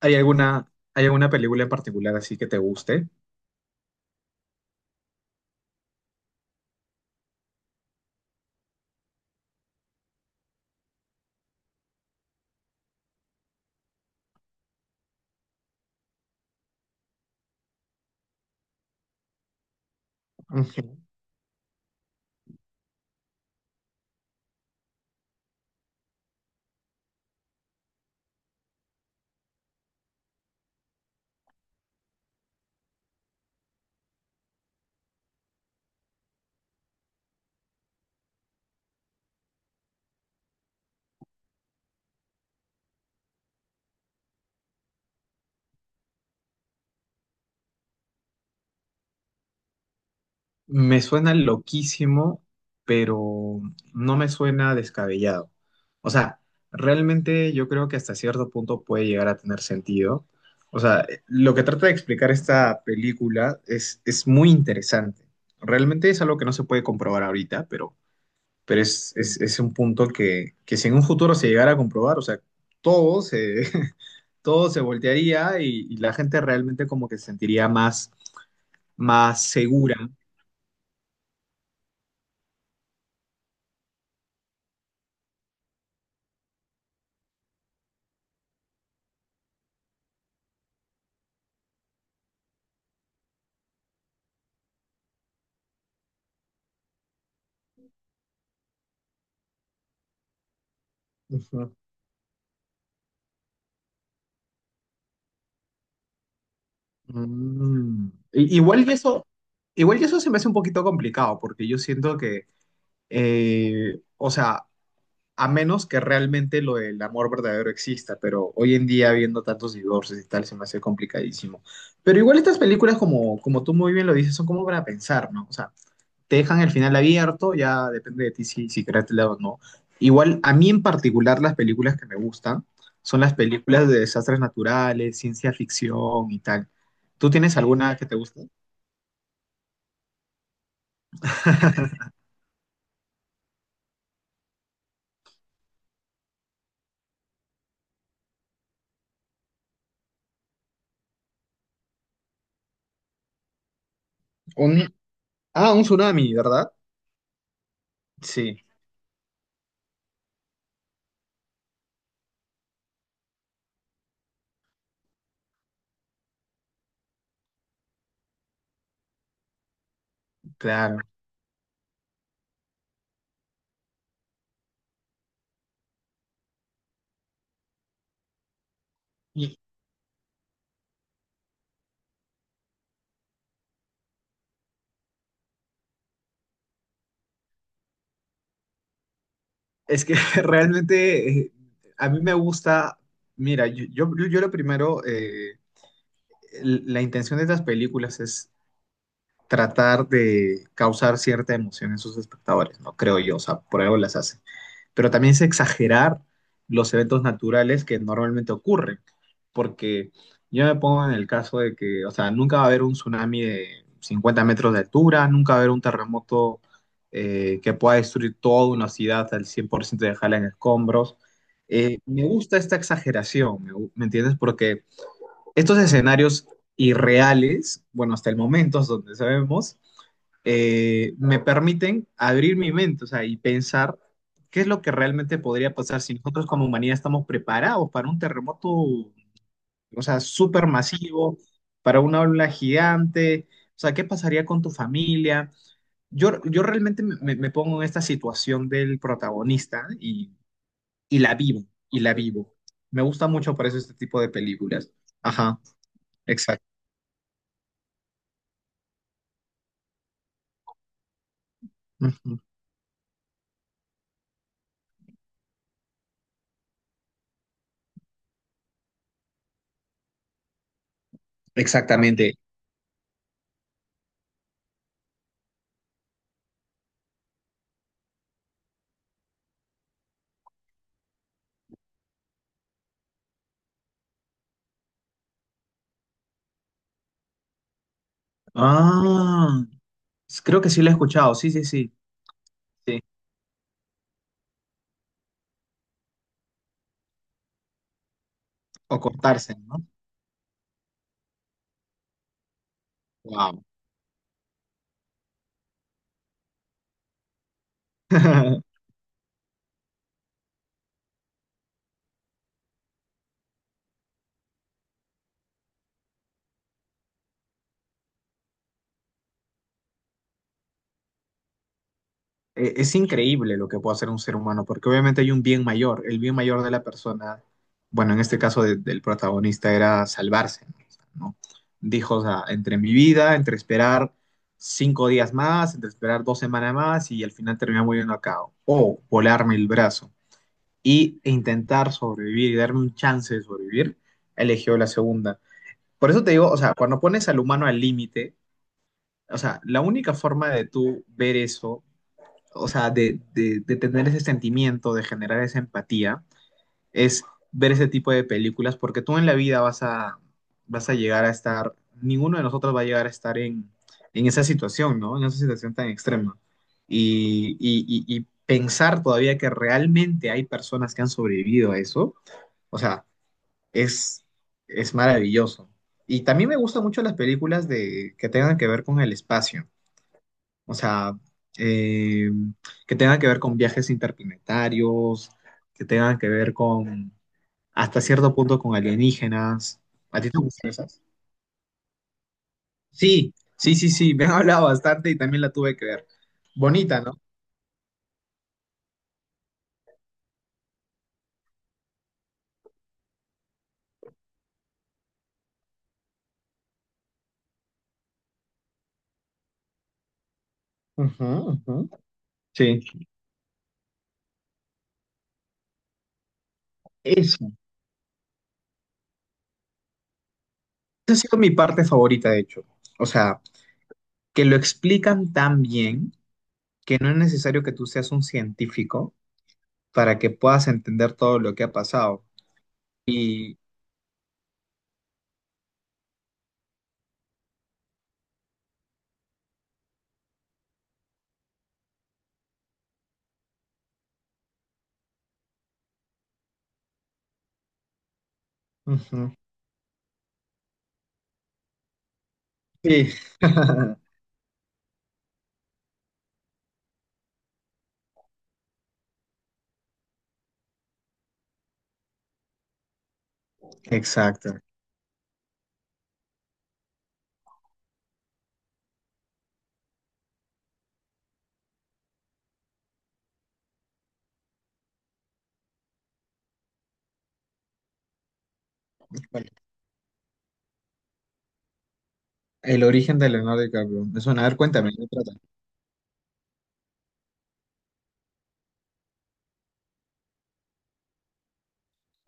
¿Hay alguna película en particular así que te guste? Ujú. Me suena loquísimo, pero no me suena descabellado. O sea, realmente yo creo que hasta cierto punto puede llegar a tener sentido. O sea, lo que trata de explicar esta película es muy interesante. Realmente es algo que no se puede comprobar ahorita, pero es un punto que si en un futuro se llegara a comprobar, o sea, todo se, todo se voltearía y la gente realmente como que se sentiría más segura. Ujú. Mm. Igual y eso se me hace un poquito complicado, porque yo siento que, o sea, a menos que realmente lo del amor verdadero exista, pero hoy en día viendo tantos divorcios y tal, se me hace complicadísimo. Pero igual estas películas, como tú muy bien lo dices, son como para pensar, ¿no? O sea, te dejan el final abierto, ya depende de ti si creas el lado o no. Igual, a mí en particular, las películas que me gustan son las películas de desastres naturales, ciencia ficción y tal. ¿Tú tienes alguna que te guste? Un, un tsunami, ¿verdad? Sí, claro. Y es que realmente a mí me gusta, mira, yo lo primero, la intención de estas películas es tratar de causar cierta emoción en sus espectadores, ¿no? Creo yo, o sea, por algo las hace. Pero también es exagerar los eventos naturales que normalmente ocurren, porque yo me pongo en el caso de que, o sea, nunca va a haber un tsunami de 50 metros de altura, nunca va a haber un terremoto que pueda destruir toda una ciudad al 100% de dejarla en escombros. Me gusta esta exageración, ¿me entiendes? Porque estos escenarios irreales, bueno, hasta el momento es donde sabemos, me permiten abrir mi mente, o sea, y pensar qué es lo que realmente podría pasar si nosotros como humanidad estamos preparados para un terremoto, o sea, súper masivo, para una ola gigante, o sea, qué pasaría con tu familia. Yo realmente me pongo en esta situación del protagonista y la vivo, y la vivo. Me gusta mucho por eso este tipo de películas. Ajá. Ujú. Exactamente. Ah, creo que sí lo he escuchado. Sí, sí, sí. Sí. O cortarse, ¿no? Wow. Es increíble lo que puede hacer un ser humano, porque obviamente hay un bien mayor. El bien mayor de la persona, bueno, en este caso del protagonista era salvarse, ¿no? O sea, ¿no? Dijo, o sea, entre mi vida, entre esperar 5 días más, entre esperar 2 semanas más y al final terminar muriendo acá, o volarme el brazo. E intentar sobrevivir y darme un chance de sobrevivir, eligió la segunda. Por eso te digo, o sea, cuando pones al humano al límite, o sea, la única forma de tú ver eso, o sea, de tener ese sentimiento, de generar esa empatía, es ver ese tipo de películas, porque tú en la vida vas a llegar a estar, ninguno de nosotros va a llegar a estar en esa situación, ¿no? En esa situación tan extrema. Y pensar todavía que realmente hay personas que han sobrevivido a eso, o sea, es, es maravilloso. Y también me gustan mucho las películas de, que tengan que ver con el espacio. O sea, eh, que tengan que ver con viajes interplanetarios, que tengan que ver con, hasta cierto punto, con alienígenas. ¿A ti te gustan esas? Sí, sí, sí, sí. Me han hablado bastante y también la tuve que ver. Bonita, ¿no? Ujú, ujú. Sí. Eso. Esa ha sido mi parte favorita, de hecho. O sea, que lo explican tan bien que no es necesario que tú seas un científico para que puedas entender todo lo que ha pasado. Y. Ujú. Sí. Exacto. Bueno, el origen de Leonardo DiCaprio. Me suena. A ver, cuéntame. ¿De qué trata?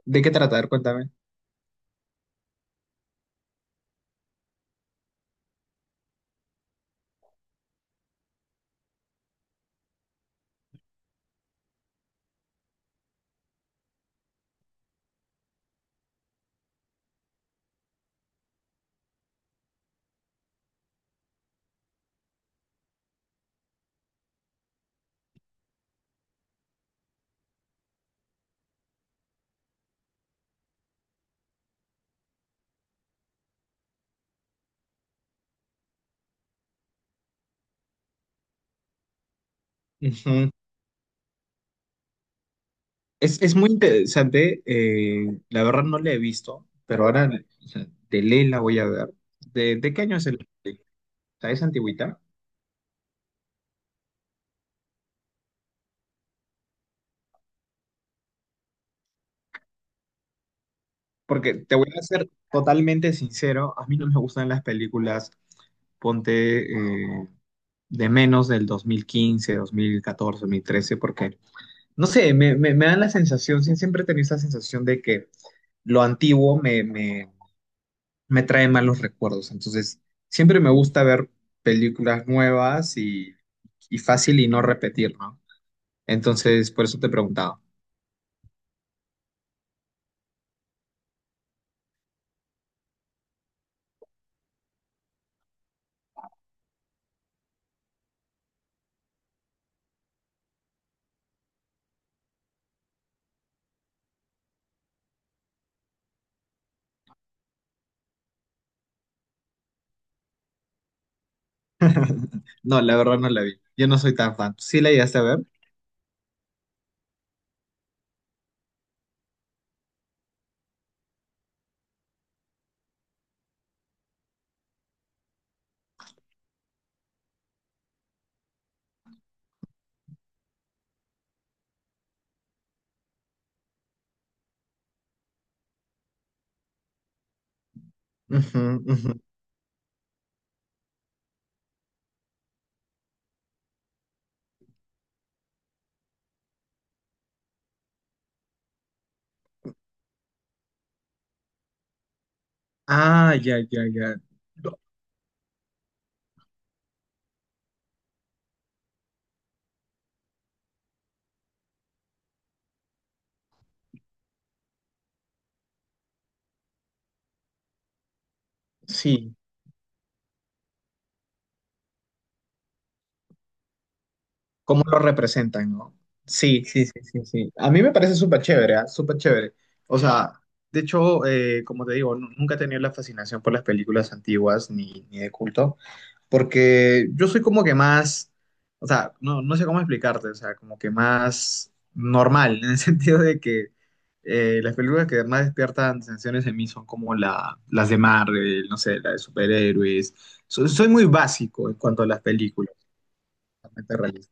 ¿De qué trata? A ver, cuéntame. Ujú. Es muy interesante. La verdad no la he visto, pero ahora o sea, de ley la voy a ver. ¿De qué año es el, o sea, es antigüita? Porque te voy a ser totalmente sincero, a mí no me gustan las películas, ponte, eh, de menos del dos mil quince 2014 2013 porque, no sé, me dan la sensación, sí, siempre he tenido esa sensación de que lo antiguo me trae malos recuerdos. Entonces, siempre me gusta ver películas nuevas y fácil y no repetir, ¿no? Entonces, por eso te preguntaba. No, la verdad no la vi. Yo no soy tan fan. ¿Sí la llegaste a ver? Ujú, ujú. Ah, ya, ya, ya. No. Sí. ¿Cómo lo representan, no? Sí, sí, sí, sí, sí. A mí me parece súper chévere, ¿ah? Súper chévere. O sea, de hecho, como te digo, nunca he tenido la fascinación por las películas antiguas ni de culto, porque yo soy como que más, o sea, no sé cómo explicarte, o sea, como que más normal, en el sentido de que las películas que más despiertan sensaciones en mí son como las de Marvel, no sé, la de superhéroes. Soy muy básico en cuanto a las películas realmente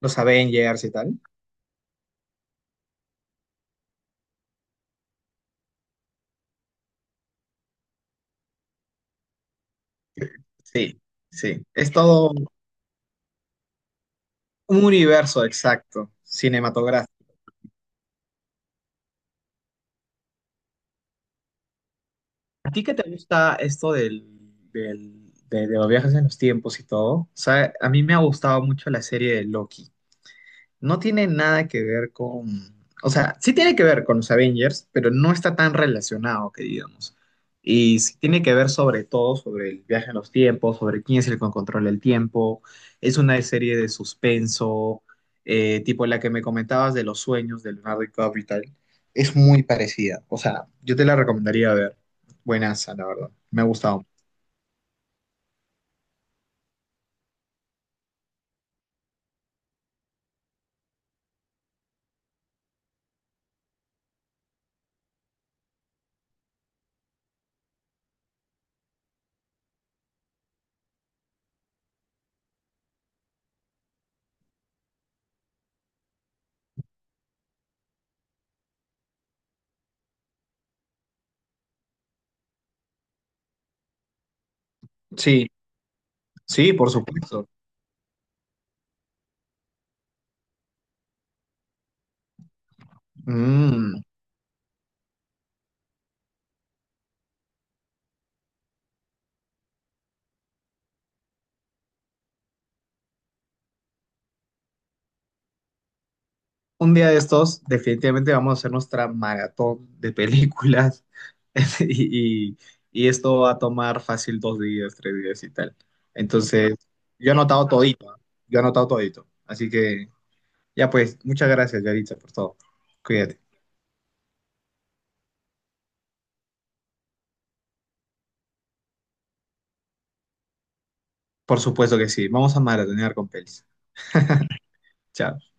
los Avengers y tal. Sí, sí. Es todo un universo exacto, cinematográfico. ¿A ti qué te gusta esto del- de los viajes en los tiempos y todo? O sea, a mí me ha gustado mucho la serie de Loki. No tiene nada que ver con, o sea, sí tiene que ver con los Avengers, pero no está tan relacionado, que digamos. Y sí tiene que ver sobre todo sobre el viaje en los tiempos, sobre quién es el que controla el tiempo. Es una serie de suspenso, tipo la que me comentabas de los sueños de Leonardo DiCaprio y tal. Es muy parecida, o sea, yo te la recomendaría ver. Buenaza, la verdad. Me ha gustado. Sí, sí, por supuesto. Mm. Un día de estos, definitivamente vamos a hacer nuestra maratón de películas y, y- y esto va a tomar fácil 2 días, 3 días y tal. Entonces, yo he anotado todito, ¿ah? Yo he anotado todito. Así que, ya pues, muchas gracias, Yaritza, por todo. Cuídate. Por supuesto que sí. Vamos a maratonear con pelis. Chao.